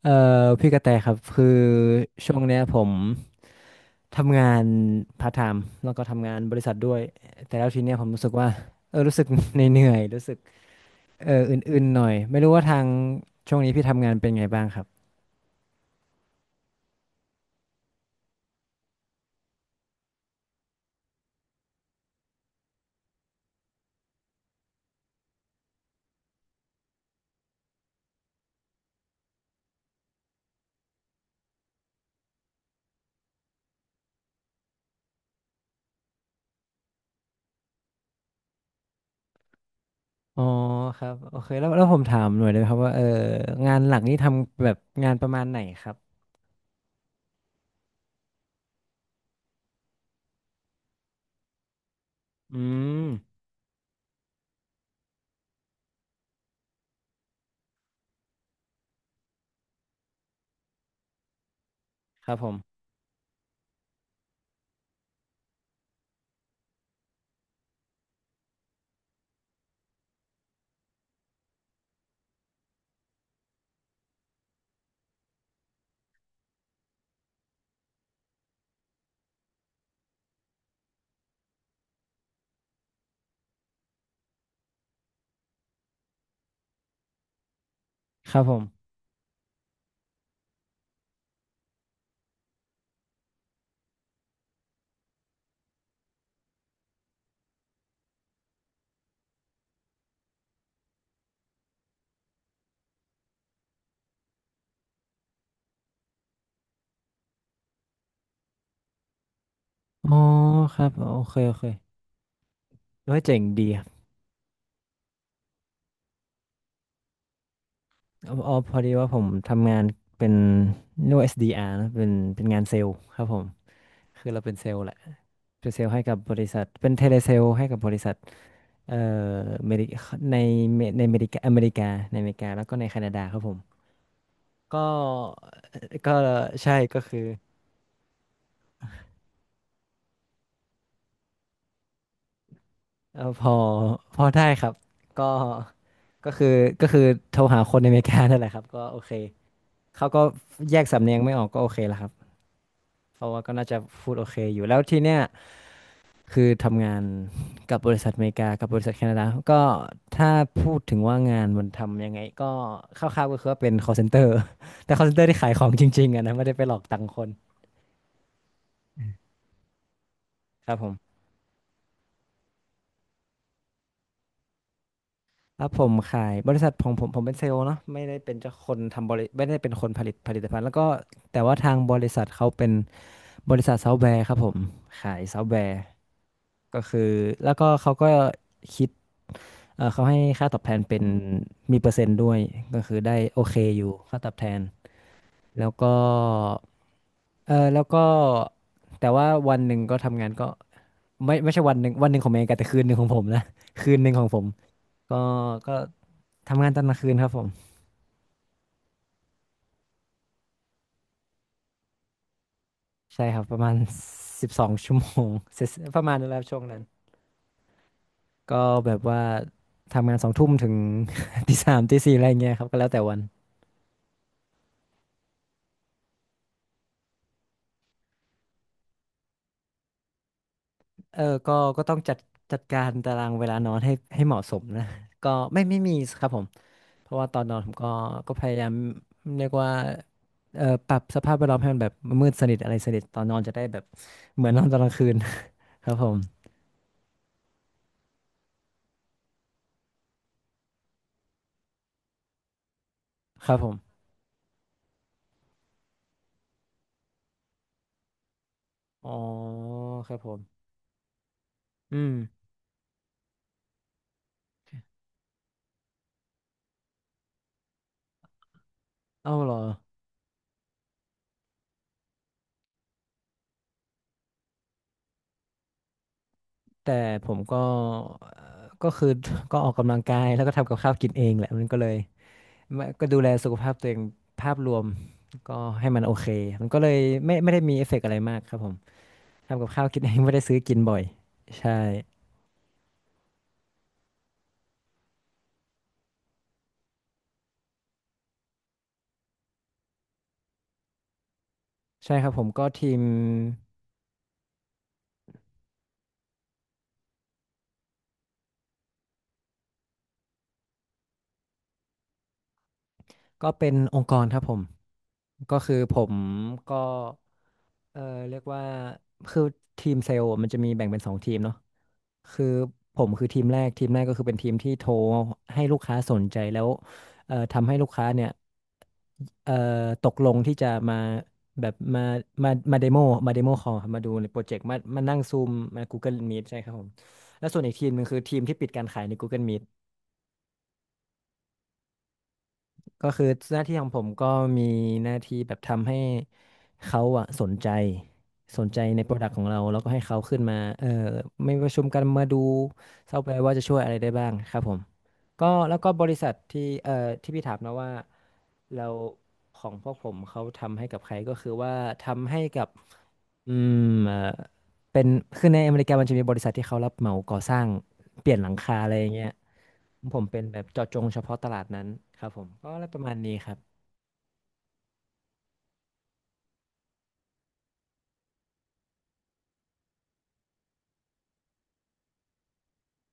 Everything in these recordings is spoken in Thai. เอ่อพี่กระแตครับคือช่วงเนี้ยผมทำงานพาร์ทไทม์แล้วก็ทำงานบริษัทด้วยแต่แล้วทีเนี้ยผมรู้สึกว่ารู้สึกเหนื่อย ๆรู้สึกอื่นๆหน่อยไม่รู้ว่าทางช่วงนี้พี่ทำงานเป็นไงบ้างครับอ๋อครับโอเคแล้วผมถามหน่อยได้ไหมครับว่างานหลักนี่ทำแบบงานประมาณไหนครับอืมครับผมครับผมอ๋อครับโอเคโอเคด้วยเจ๋งดี อ๋ออ๋อพอดีว่าผมทำงานเป็นเรียกว่า SDR นะเป็นงานเซลล์ครับผมคือเราเป็นเซลล์แหละเป็นเซลล์ให้กับบริษัทเป็นเทเลเซลล์ให้กับบริษัทเอ่อเมริในเมในอเมริกาแล้วก็ในแคนาดาครับผมก็ก็ใช่ก็คือเอ่อพอพอได้ครับก็ก็คือก็คือโทรหาคนในอเมริกานั่นแหละครับก็โอเคเขาก็แยกสำเนียงไม่ออกก็โอเคแล้วครับเพราะว่าก็น่าจะพูดโอเคอยู่แล้วทีเนี้ย คือทำงานกับบริษัทอเมริกากับบริษัทแคนาดาก็ถ้าพูดถึงว่างานมันทำยังไงก็คร่าวๆก็คือว่าเป็น call center แต่ call center ที่ขายของจริงๆอะนะไม่ได้ไปหลอกตังค์คนครับผมแ้วผมขายบริษัทของผมผมเป็นเซลล์เนาะไม่ได้เป็นเจ้าคนทำบริไม่ได้เป็นคนผลิตผลิตภัณฑ์แล้วก็แต่ว่าทางบริษัทเขาเป็นบริษัทซอฟต์แวร์ครับผมขายซอฟต์แวร์ก็คือแล้วก็เขาก็คิดเอ่อเขาให้ค่าตอบแทนเป็นมีเปอร์เซ็นต์ด้วยก็คือได้โอเคอยู่ค่าตอบแทน แล้วก็แล้วก็แต่ว่าวันหนึ่งก็ทำงานก็ไม่ใช่วันหนึ่งของเมย์แต่คืนหนึ่งของผมนะ คืนหนึ่งของผมก็ก็ทำงานตอนกลางคืนครับผมใช่ครับประมาณ12 ชั่วโมง เสร็จประมาณนั้นแหล้วช่วงนั้นก็แบบว่าทำงานสองทุ่มถึง ตีสามตีสี่อะไรเงี้ยครับก็แล้วแต่วันก็ต้องจัดการตารางเวลานอนให้เหมาะสมนะก็ไม่มีครับผม เพราะว่าตอนนอนผมก็พยายามเรียกว่าปรับสภาพแวดล้อมให้มันแบบมืดสนิทอะไรสนิทตอนนอนจะได้แบบเหมือนนอนตอนกลางคืน ครับผมครับผมอ๋อครับผมอืมเอาเหรอแต่ผมก็ก็คือก็ออกกำลังกายแล้วก็ทำกับข้าวกินเองแหละมันก็เลยไม่ก็ดูแลสุขภาพตัวเองภาพรวมก็ให้มันโอเคมันก็เลยไม่ได้มีเอฟเฟกต์อะไรมากครับผมทำกับข้าวกินเองไม่ได้ซื้อกินบ่อยใช่ใช่ครับผมก็ทีม ก็เป็นองค์กรครับผม ก็คือผมก็เออเรียกว่าคือทีมเซลล์มันจะมีแบ่งเป็นสองทีมเนาะคือผมคือทีมแรก ทีมแรกก็คือเป็นทีมที่โทรให้ลูกค้าสนใจแล้วทำให้ลูกค้าเนี่ยเอ่อตกลงที่จะมาแบบมาเดโมคอลมาดูในโปรเจกต์มานั่งซูมมา Google Meet ใช่ครับผม แล้วส่วนอีกทีมหนึงคือทีมที่ปิดการขายใน Google Meet ก็คือหน้าที่ของผมก็มีหน้าที่แบบทำให้เขาอะสนใจในโปรดักต์ของเราแล้วก็ให้เขาขึ้นมาไม่ประชุมกันมาดูซอฟต์แวร์ว่าจะช่วยอะไรได้บ้างครับผมก็แล้วก็บริษัทที่เอ่อที่พี่ถามนะว่าเราของพวกผมเขาทำให้กับใครก็คือว่าทำให้กับอืมเอ่อเป็นคือในอเมริกามันจะมีบริษัทที่เขารับเหมาก่อสร้างเปลี่ยนหลังคาอะไรอย่างเงี้ย ผมเป็นแบบเจาะจงเฉพาะตลาดนั้นครับผมก็อะไรประมาณนี้ครับ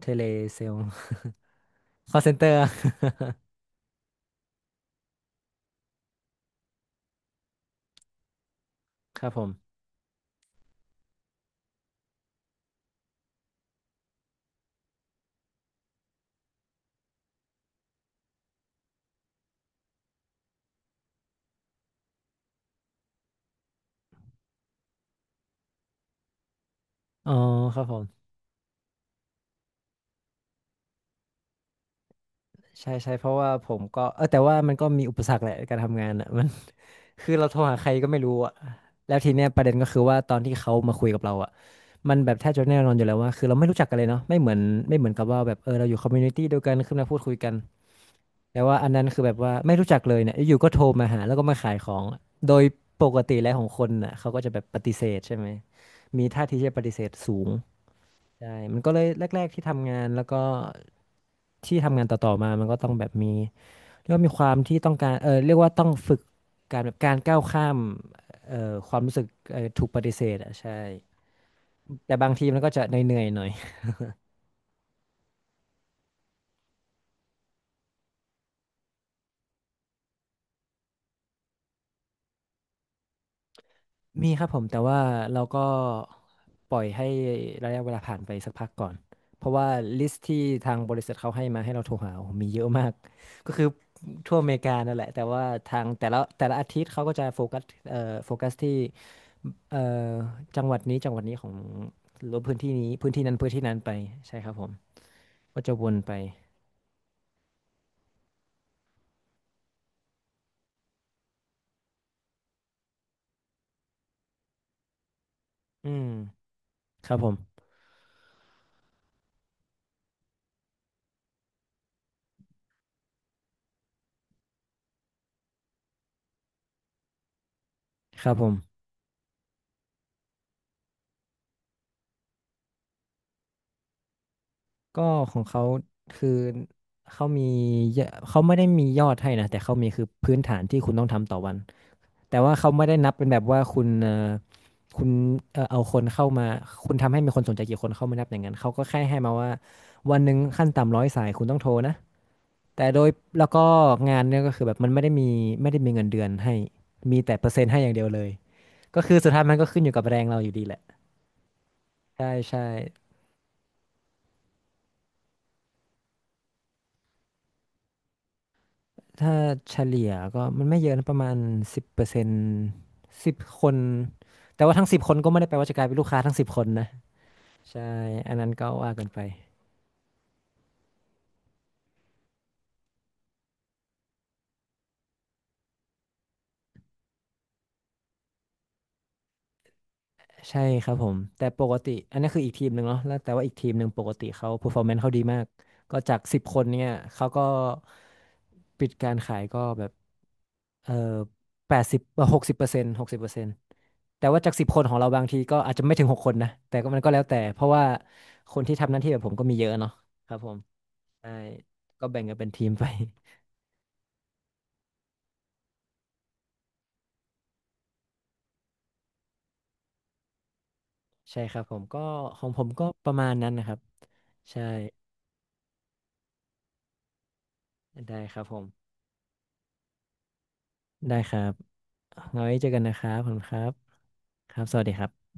เทเลเซล call center ครับผมอ๋อครับผมใช่ใช่เพราะว่าผมก็แต่ว่ามันก็มีอุปสรรคแหละการทำงานอ่ะ มัน คือเราโทรหาใครก็ไม่รู้อ่ะแล้วทีเนี้ยประเด็นก็คือว่าตอนที่เขามาคุยกับเราอ่ะมันแบบแทบจะแน่นอนอยู่แล้วว่าคือเราไม่รู้จักกันเลยเนาะไม่เหมือนกับว่าแบบเราอยู่คอมมูนิตี้เดียวกันขึ้นมาพูดคุยกัน แต่ว่าอันนั้นคือแบบว่าไม่รู้จักเลยเนี่ยอยู่ก็โทรมาหาแล้วก็มาขายของอะโดยปกติแล้วของคนน่ะเขาก็จะแบบปฏิเสธใช่ไหมมีท่าทีที่จะปฏิเสธสูงใช่มันก็เลยแรกๆที่ทำงานแล้วก็ที่ทำงานต่อๆมามันก็ต้องแบบมีเรียกว่ามีความที่ต้องการเรียกว่าต้องฝึกการแบบการก้าวข้ามเอ่อความรู้สึกถูกปฏิเสธอ่ะใช่แต่บางทีมันก็จะเหนื่อยๆหน่อย มีครับผมแต่ว่าเราก็ปล่อยให้ระยะเวลาผ่านไปสักพักก่อนเพราะว่าลิสต์ที่ทางบริษัทเขาให้มาให้เราโทรหาโอ้โหมีเยอะมากก็คือทั่วอเมริกานั่นแหละแต่ว่าทางแต่ละอาทิตย์เขาก็จะโฟกัสเอ่อโฟกัสที่เอ่อจังหวัดนี้จังหวัดนี้ของหรือว่าพื้นที่นี้พื้นที่นั้นพื้นที่นั้นไปใช่ครับผมก็จะวนไปอืมครับผมครับผม ก็ของเขาคือเขามีเยอะเขาไม่ได้มียอดให้นะแต่เขามีคือพื้นฐานที่คุณต้องทำต่อวันแต่ว่าเขาไม่ได้นับเป็นแบบว่าคุณเอาคนเข้ามาคุณทำให้มีคนสนใจกี่คนเขาไม่นับอย่างนั้นเขาก็แค่ให้มาว่าวันหนึ่งขั้นต่ำ100 สายคุณต้องโทรนะแต่โดยแล้วก็งานเนี่ยก็คือแบบมันไม่ได้มีเงินเดือนให้มีแต่เปอร์เซ็นต์ให้อย่างเดียวเลยก็คือสุดท้ายมันก็ขึ้นอยู่กับแรงเราอยู่ดีแหละใช่ใช่ ถ้าเฉลี่ยก็มันไม่เยอะนะประมาณสิบเปอร์เซ็นต์สิบคนแต่ว่าทั้งสิบคนก็ไม่ได้แปลว่าจะกลายเป็นลูกค้าทั้งสิบคนนะใช่อันนั้นก็ว่ากันไป ใช่ครับผมแต่ปกติอันนี้คืออีกทีมหนึ่งเนาะแล้วแต่ว่าอีกทีมหนึ่งปกติเขา performance เขาดีมากก็จากสิบคนเนี่ยเขาก็ปิดการขายก็แบบเอ่อ80หกสิบเปอร์เซ็นต์หกสิบเปอร์เซ็นต์แต่ว่าจากสิบคนของเราบางทีก็อาจจะไม่ถึง6 คนนะแต่ก็มันก็แล้วแต่เพราะว่าคนที่ทำหน้าที่แบบผมก็มีเยอะเนาะครับผมใช่ก็แบ่งกันเป็นทีมไป ใช่ครับผมก็ของผมก็ประมาณนั้นนะครับใช่ได้ครับผม ได้ครับเอาไว้เจอกันนะครับขอบคุณครับครับสวัสดีครับ